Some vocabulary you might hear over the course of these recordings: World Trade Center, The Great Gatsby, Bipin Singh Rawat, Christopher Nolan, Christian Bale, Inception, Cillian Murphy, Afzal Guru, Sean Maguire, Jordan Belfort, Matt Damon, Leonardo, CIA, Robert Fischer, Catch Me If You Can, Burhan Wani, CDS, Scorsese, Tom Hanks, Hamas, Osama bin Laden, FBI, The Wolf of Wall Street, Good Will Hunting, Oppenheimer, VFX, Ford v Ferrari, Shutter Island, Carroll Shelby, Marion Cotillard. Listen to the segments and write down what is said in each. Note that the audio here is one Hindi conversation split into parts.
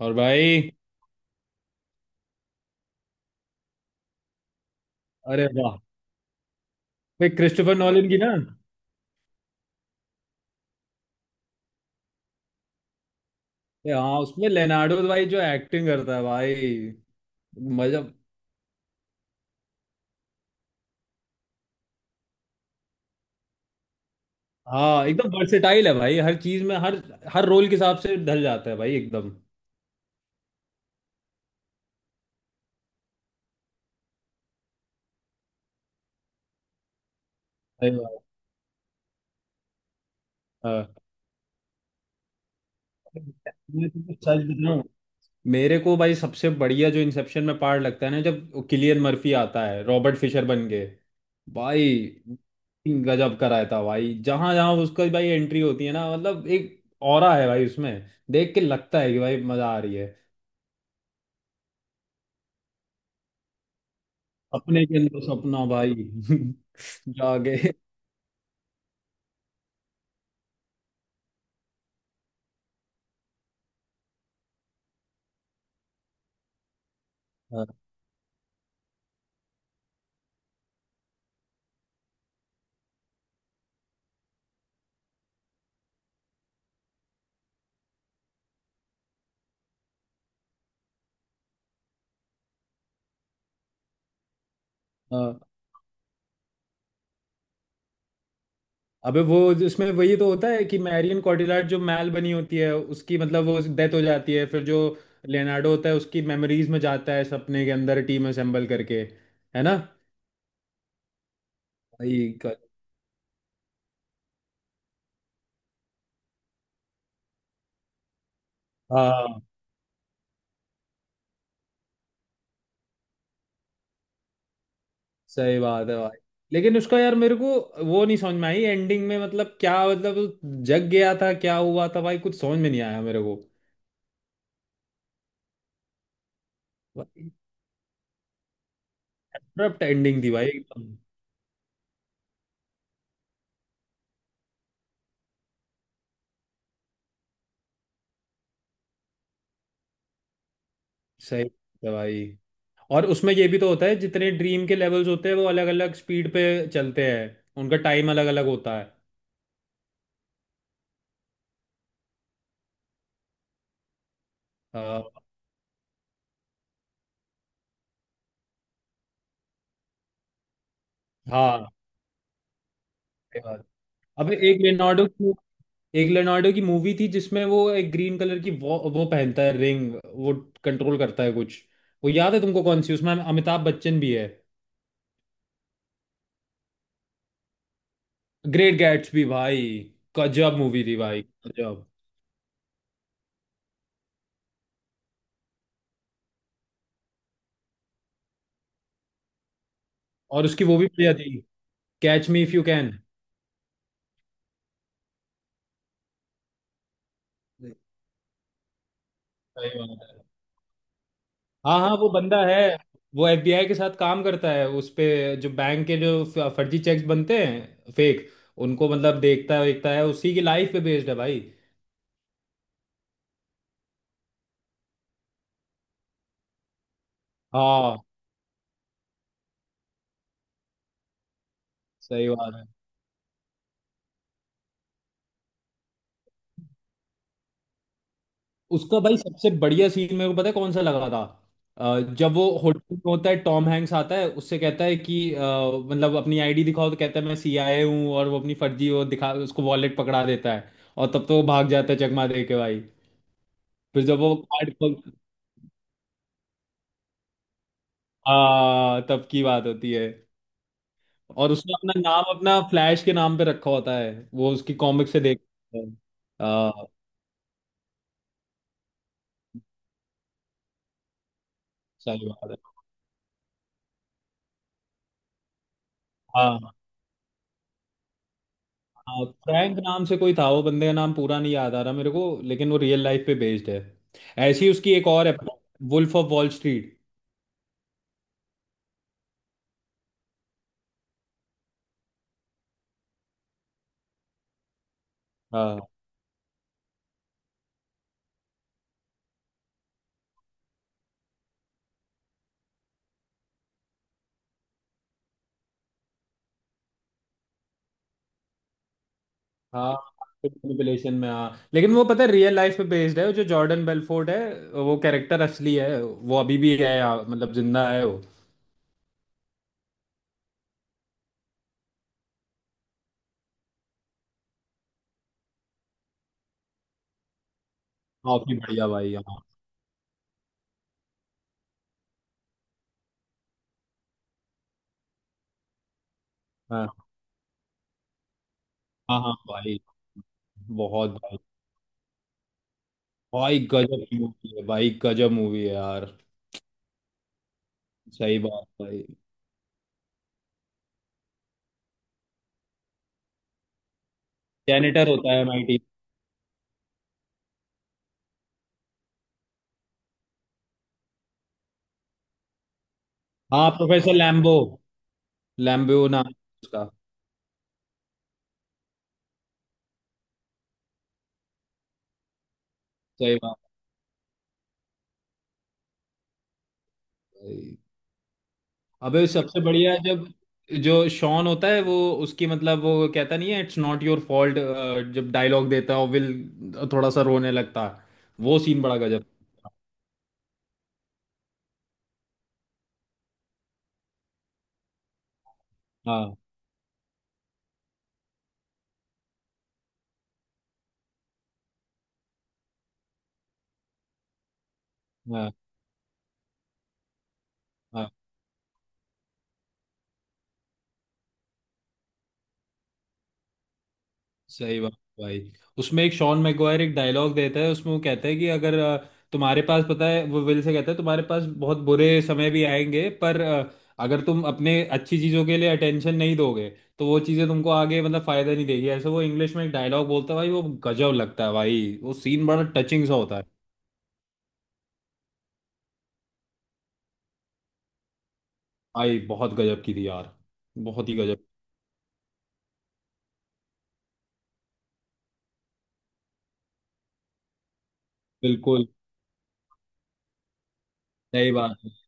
और भाई। अरे वाह। भाई क्रिस्टोफर नॉलन की ना। हाँ, उसमें लेनार्डो भाई जो एक्टिंग करता है भाई। मजा। हाँ एकदम वर्सेटाइल है भाई, हर चीज में, हर हर रोल के हिसाब से ढल जाता है भाई एकदम। सही बात। हाँ। मैं तुमको सच बताऊं, मेरे को भाई सबसे बढ़िया जो इंसेप्शन में पार्ट लगता है ना, जब किलियन मर्फी आता है रॉबर्ट फिशर बन के भाई, गजब कराया था भाई। जहां जहां उसका भाई एंट्री होती है ना, मतलब एक ऑरा है भाई उसमें। देख के लगता है कि भाई मजा आ रही है। अपने के अंदर सपना भाई। जागे। हाँ। अबे वो, इसमें वही तो होता है कि मैरियन कॉटिलार्ड जो मैल बनी होती है उसकी, मतलब वो डेथ हो जाती है, फिर जो लियोनार्डो होता है उसकी मेमोरीज में जाता है सपने के अंदर टीम असेंबल करके, है ना भाई। क- हाँ सही बात है भाई। लेकिन उसका यार मेरे को वो नहीं समझ में आई एंडिंग में। मतलब क्या, मतलब वो जग गया था, क्या हुआ था भाई, कुछ समझ में नहीं आया मेरे को। एब्रप्ट एंडिंग थी भाई एकदम। सही बात है भाई। और उसमें ये भी तो होता है, जितने ड्रीम के लेवल्स होते हैं वो अलग अलग स्पीड पे चलते हैं, उनका टाइम अलग अलग होता है। आ, हाँ सही बात। अब एक लेनार्डो की मूवी थी जिसमें वो एक ग्रीन कलर की वो पहनता है रिंग, वो कंट्रोल करता है कुछ, वो याद है तुमको कौन सी, उसमें अमिताभ बच्चन भी है। ग्रेट गैट्सबी भाई, गजब मूवी थी भाई। गजब। और उसकी वो भी बढ़िया थी, catch me if you can. सही बात है। हाँ हाँ, वो बंदा है, वो एफबीआई के साथ काम करता है उस पे। जो बैंक के जो फर्जी चेक्स बनते हैं, फेक, उनको मतलब देखता है देखता है, उसी की लाइफ पे बेस्ड है भाई। हाँ सही बात है। उसका भाई सबसे बढ़िया सीन मेरे को पता है कौन सा लगा था, जब वो होटल में होता है, टॉम हैंक्स आता है उससे कहता है कि मतलब अपनी आईडी दिखाओ, तो कहता है मैं सीआईए हूँ, और वो अपनी फर्जी वो दिखा, उसको वॉलेट पकड़ा देता है, और तब तो वो भाग जाता है चकमा दे के भाई। फिर जब वो कार्ड हाँ तब की बात होती है। और उसने अपना नाम अपना फ्लैश के नाम पे रखा होता है, वो उसकी कॉमिक से देख। आ, सही बात है। हाँ हाँ, फ्रैंक नाम से कोई था, वो बंदे का नाम पूरा नहीं याद आ रहा मेरे को, लेकिन वो रियल लाइफ पे बेस्ड है। ऐसी ही उसकी एक और है, वुल्फ ऑफ वॉल स्ट्रीट। हाँ हाँ मैनिपुलेशन में, हाँ लेकिन वो पता है रियल लाइफ पे बेस्ड है, जो जॉर्डन बेलफोर्ड है वो कैरेक्टर असली है, वो अभी भी है यहाँ, मतलब जिंदा है वो। काफी बढ़िया भाई, हाँ हाँ। हाँ हाँ भाई। बहुत। भाई गजब की मूवी है भाई, गजब मूवी है यार। सही बात भाई। सेनेटर होता है माइटी। हाँ, प्रोफेसर लैम्बो। लैम्बो नाम है उसका। सही बात भाई। अबे सबसे बढ़िया है जब जो शॉन होता है, वो उसकी मतलब वो कहता नहीं है, इट्स नॉट योर फॉल्ट, जब डायलॉग देता है और विल थोड़ा सा रोने लगता है। वो सीन बड़ा गजब। हाँ, हाँ, हाँ। सही बात भाई। उसमें एक शॉन मैगवायर एक डायलॉग देता है, उसमें वो कहता है कि अगर तुम्हारे पास, पता है वो विल से कहता है, तुम्हारे पास बहुत बुरे समय भी आएंगे पर अगर तुम अपने अच्छी चीज़ों के लिए अटेंशन नहीं दोगे तो वो चीज़ें तुमको आगे मतलब फायदा नहीं देगी, ऐसे वो इंग्लिश में एक डायलॉग बोलता है भाई, वो गजब लगता है भाई, वो सीन बड़ा टचिंग सा होता है। भाई बहुत गजब की थी यार, बहुत ही गजब। बिल्कुल सही बात है।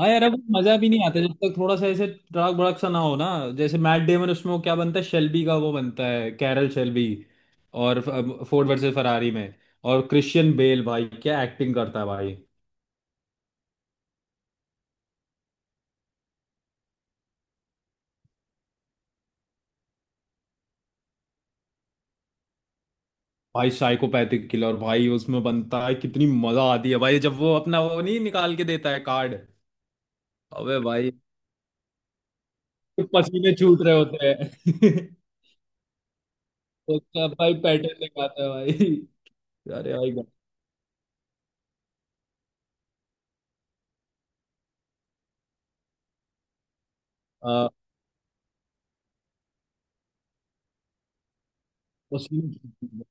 हाँ यार, अब वो मजा भी नहीं आता जब तक थोड़ा सा ऐसे ट्रक भड़क सा ना हो ना। जैसे मैट डेमन, उसमें वो क्या बनता है, शेल्बी का, वो बनता है कैरल शेल्बी, और फोर्ड वर्सेस फरारी में। और क्रिश्चियन बेल भाई क्या एक्टिंग करता है भाई। भाई साइकोपैथिक किलर भाई उसमें बनता है, कितनी मजा आती है भाई जब वो अपना वो नहीं निकाल के देता है कार्ड। अबे भाई पसीने छूट रहे होते हैं। उसका भाई पैटर्न दिखाता है भाई। अरे भाई। आ, पसीने छूट रहे हैं।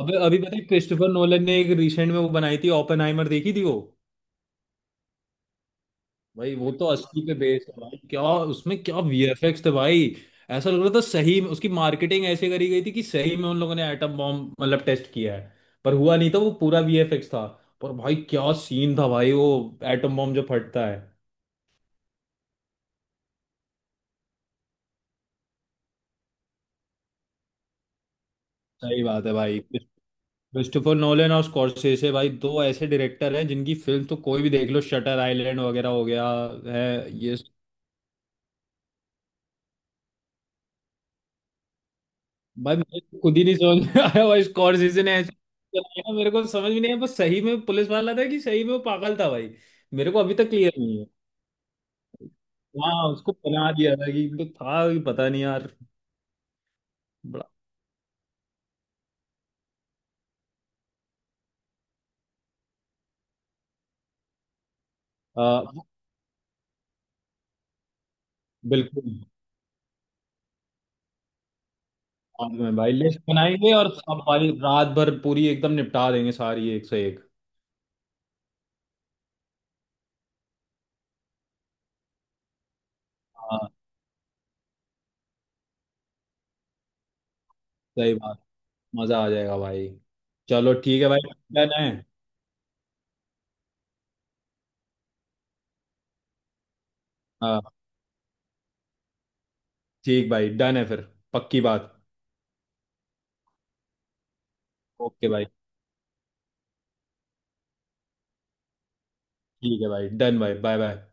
अबे अभी पता है क्रिस्टोफर नोलन ने एक रिसेंट में वो बनाई थी ओपेनहाइमर, देखी थी वो? भाई वो तो असली पे बेस्ड है भाई। क्या उसमें क्या वीएफएक्स थे भाई, ऐसा लग रहा था सही में। उसकी मार्केटिंग ऐसे करी गई थी कि सही में उन लोगों ने एटम बॉम्ब मतलब टेस्ट किया है, पर हुआ नहीं था, वो पूरा वीएफएक्स था। पर भाई क्या सीन था भाई वो, एटम बॉम्ब जो फटता है। सही बात है भाई। क्रिस्टोफर नोलन और स्कॉर्सेसे भाई दो ऐसे डायरेक्टर हैं जिनकी फिल्म तो कोई भी देख लो, शटर आइलैंड वगैरह हो गया। है ये। भाई मुझे तो खुद ही नहीं समझ में आया भाई, स्कॉर्सेसे ने ऐसे चलाया, मेरे को समझ भी नहीं आया, बस सही में पुलिस वाला था कि सही में वो पागल था भाई, मेरे को अभी तक क्लियर नहीं है। हाँ, उसको बना दिया था कि, तो था कि पता नहीं यार। बड़ा। आ, बिल्कुल। बाद में भाई लिस्ट बनाएंगे और सब भाई, रात भर पूरी एकदम निपटा देंगे सारी एक से एक। हाँ सही बात। मजा आ जाएगा भाई। चलो ठीक है भाई, डन है। हाँ ठीक भाई, डन है फिर, पक्की बात। ओके भाई। ठीक है भाई, डन भाई, बाय बाय।